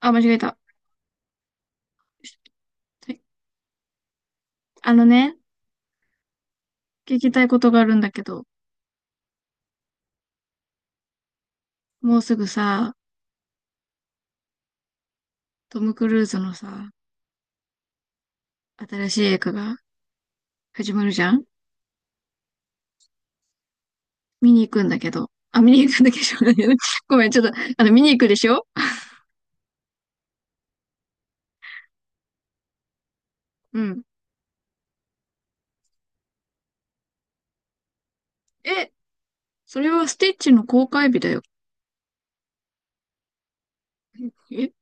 あ、間違えた。はい。あのね、聞きたいことがあるんだけど、もうすぐさ、トム・クルーズのさ、新しい映画が始まるじゃん。見に行くんだけど。あ、見に行くんだけど、しょうがないね。 ごめん、ちょっと、見に行くでしょ。うん。え、それはスティッチの公開日だよ。え、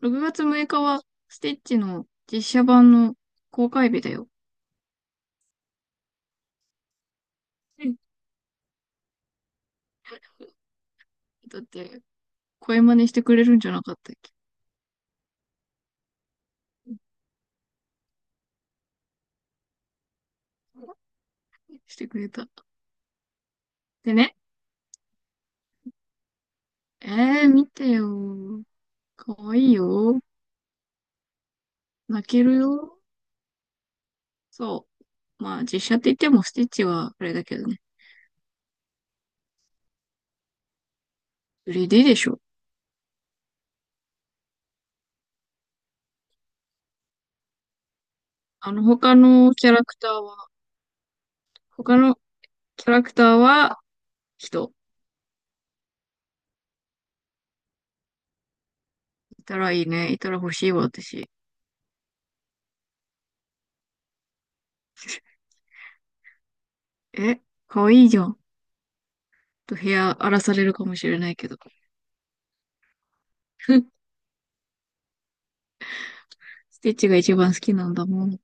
6月6日はスティッチの実写版の公開日だよ。うん。だって、声真似してくれるんじゃなかったっけ。してくれた。でね、見てよ。かわいいよ。泣けるよ。そう。まあ、実写って言ってもスティッチはあれだけどね。3D でしょ。他のキャラクターは、他のキャラクターは人。いたらいいね。いたら欲しいわ、私。え、かわいいじゃん。ちょっと部屋荒らされるかもしれないけど。スティッチが一番好きなんだもん。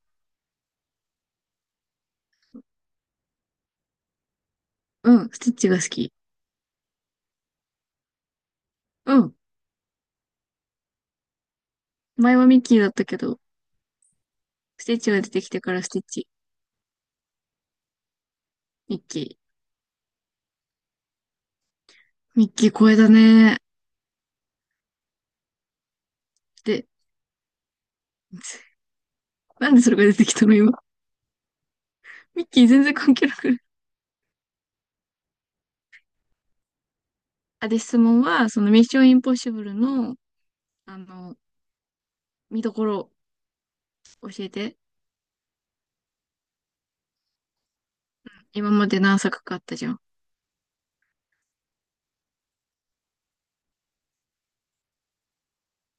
うん、スティッチが好き。うん。前はミッキーだったけど、スティッチが出てきてからスティッチ。ミッキー。ミッキー声だね。で、なんでそれが出てきたの今。ミッキー全然関係なくない。あ、で、質問は、そのミッションインポッシブルの、あの、見どころ教えて。今まで何作かあったじゃん。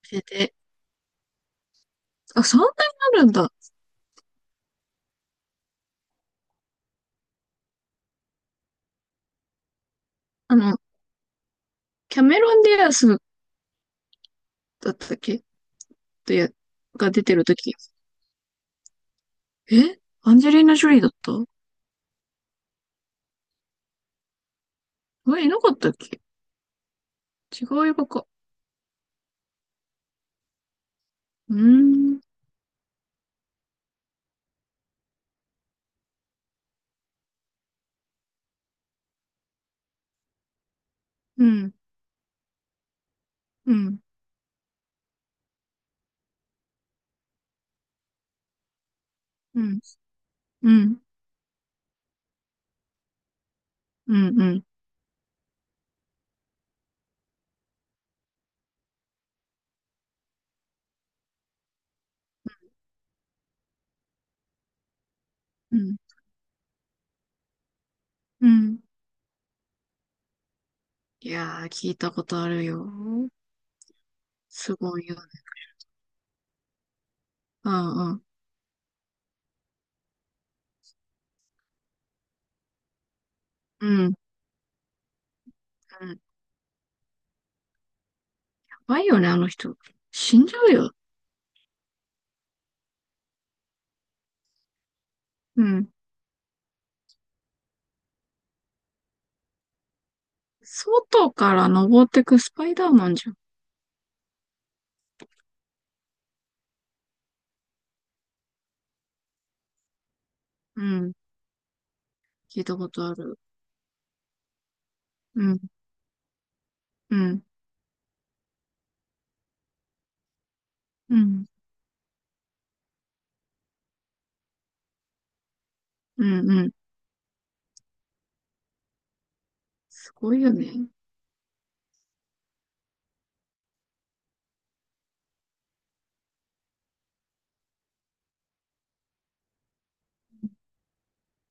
教えて。あ、そんなになるんだ。あの、キャメロン・ディアスだったっけ。とや、が出てるとき。えアンジェリーナ・ジョリーだった。え、いなかったっけ。違う映画か。うーん、うん、うん、うん、うん、うん、うん、うん。うん。いやー、聞いたことあるよ。すごいよね。うん、うん、うん。うん。怖いよね、あの人。死んじゃうよ。うん。外から登ってくスパイダーマンじゃん。うん。聞いたことある。うん、うん、うん、うん、うん。すごいよね。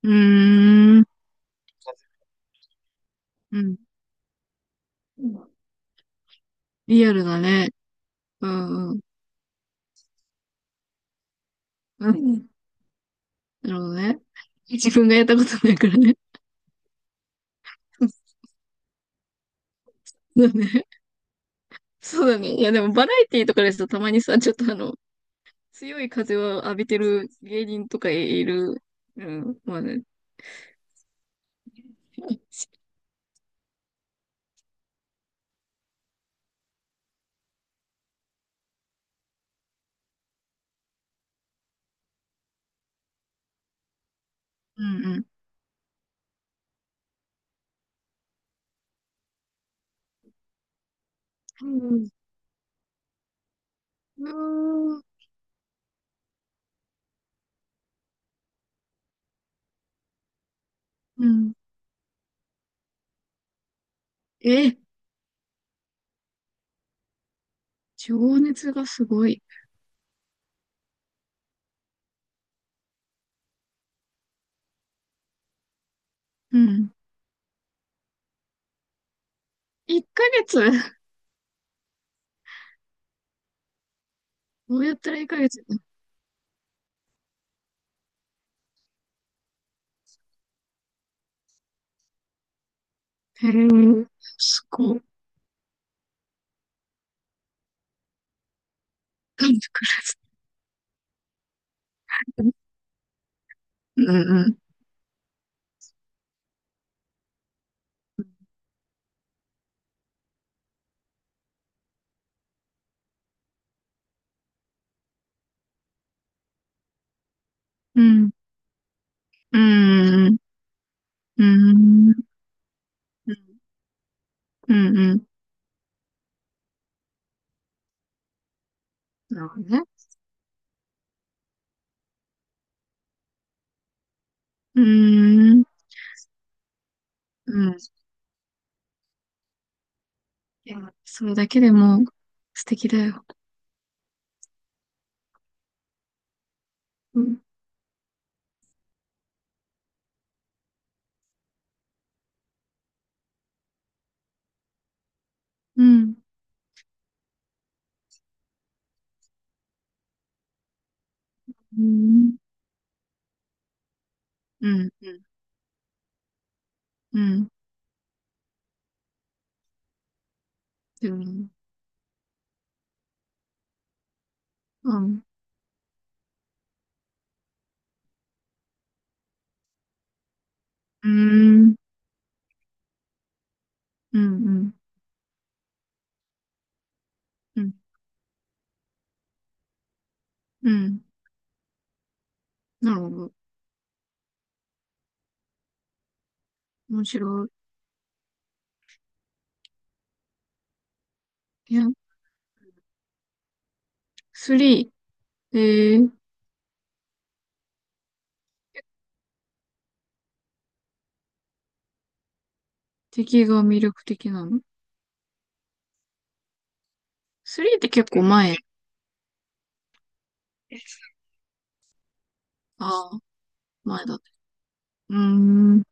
うーん、うん。リアルだね。うん、うん、うん。なるほどね。自分がやったことないからね。そうだね。そうだね。いや、でもバラエティとかですとたまにさ、ちょっと強い風を浴びてる芸人とかいる。うん、まあね。うん、うん。うーん。うん。え、情熱がすごい。うん。1ヶ月。 どうやったら1ヶ月。へえ、すごい。なんで暮らす。うん。うん。うん。うん。うん。うん。うん。うん。なるほどね。うーん。うん。いや、それだけでも素敵だよ。うん。うん。うん。うん。うん。でも、うん。うーん。うん。うん。うん。うん。なるほど。面白い。いや、3、えー、敵が魅力的なの？ 3 って結構前。ああ、前だね。うーん、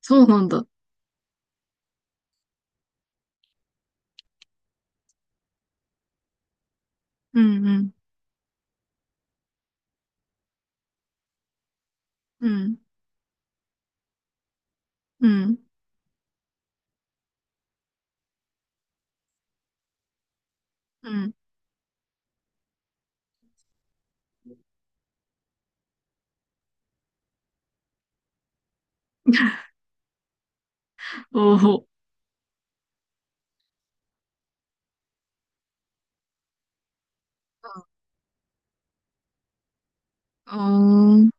そうなんだ。うん、うん、うん、うん、うん。おお、あん。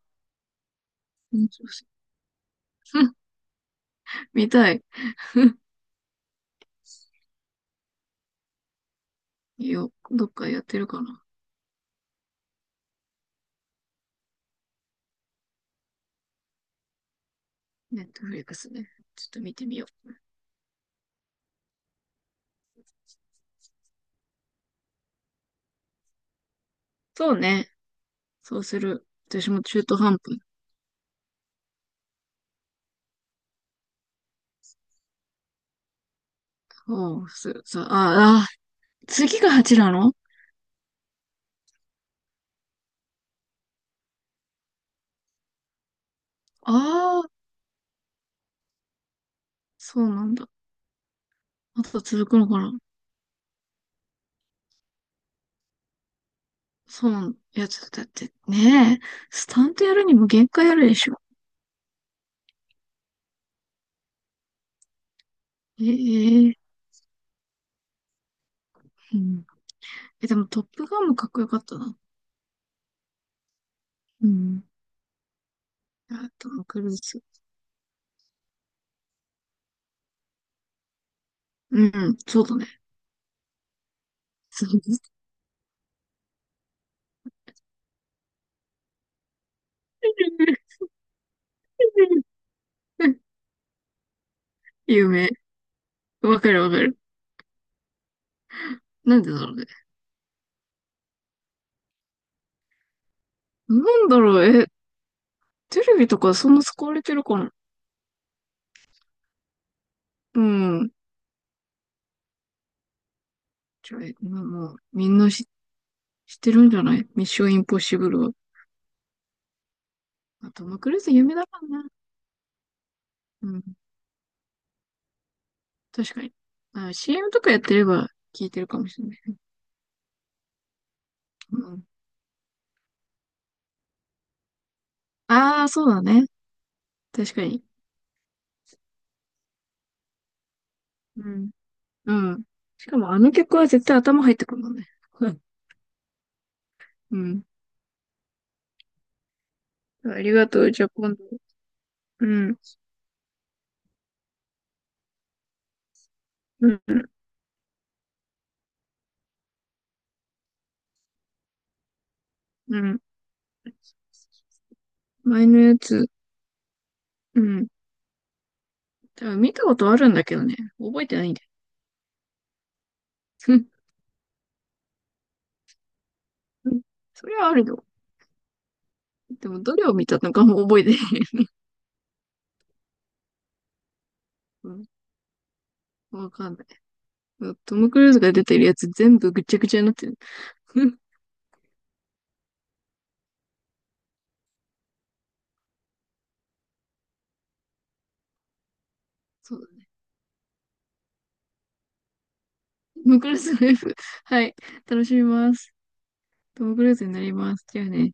面白そう。 見たい。いいよ、どっかやってるかな。ネットフリックスね。ちょっと見てみよう。そうね。そうする。私も中途半端。おう、ああ、次が8なの。ああー、そうなんだ。あと続くのかな。そうなの。いや、ちょっとだってねえ、スタントやるにも限界あるでしょ。ええ。うん。え、でもトップガンもかっこよかったな。うん。あ、トム・クルーズ。うん、そうだね。そう。 有名。わかるわかる。なんでだろうね。なんだろう、え、テレビとかそんな使われてるかな。うん。じゃあ、えまあもう、みんな知ってるんじゃない。ミッション・インポッシブルは。まあ、トム・クルーズ有名だからな。うん。確かに。あ、CM とかやってれば聞いてるかもしれない。うん。ああ、そうだね。確かに。うん。うん。しかもあの曲は絶対頭入ってくるもんね。うん。うん。ありがとう。じゃあ今度。うん。うん。うん。前のやつ。うん。多分見たことあるんだけどね。覚えてないんだよ。うん。それはあるよ。でもどれを見たのかも覚えてない。うん。わかんない。トム・クルーズが出てるやつ全部ぐっちゃぐちゃになってる。うん。そう。トム・クルーズの F。はい。楽しみます。トム・クルーズになります。じゃあね。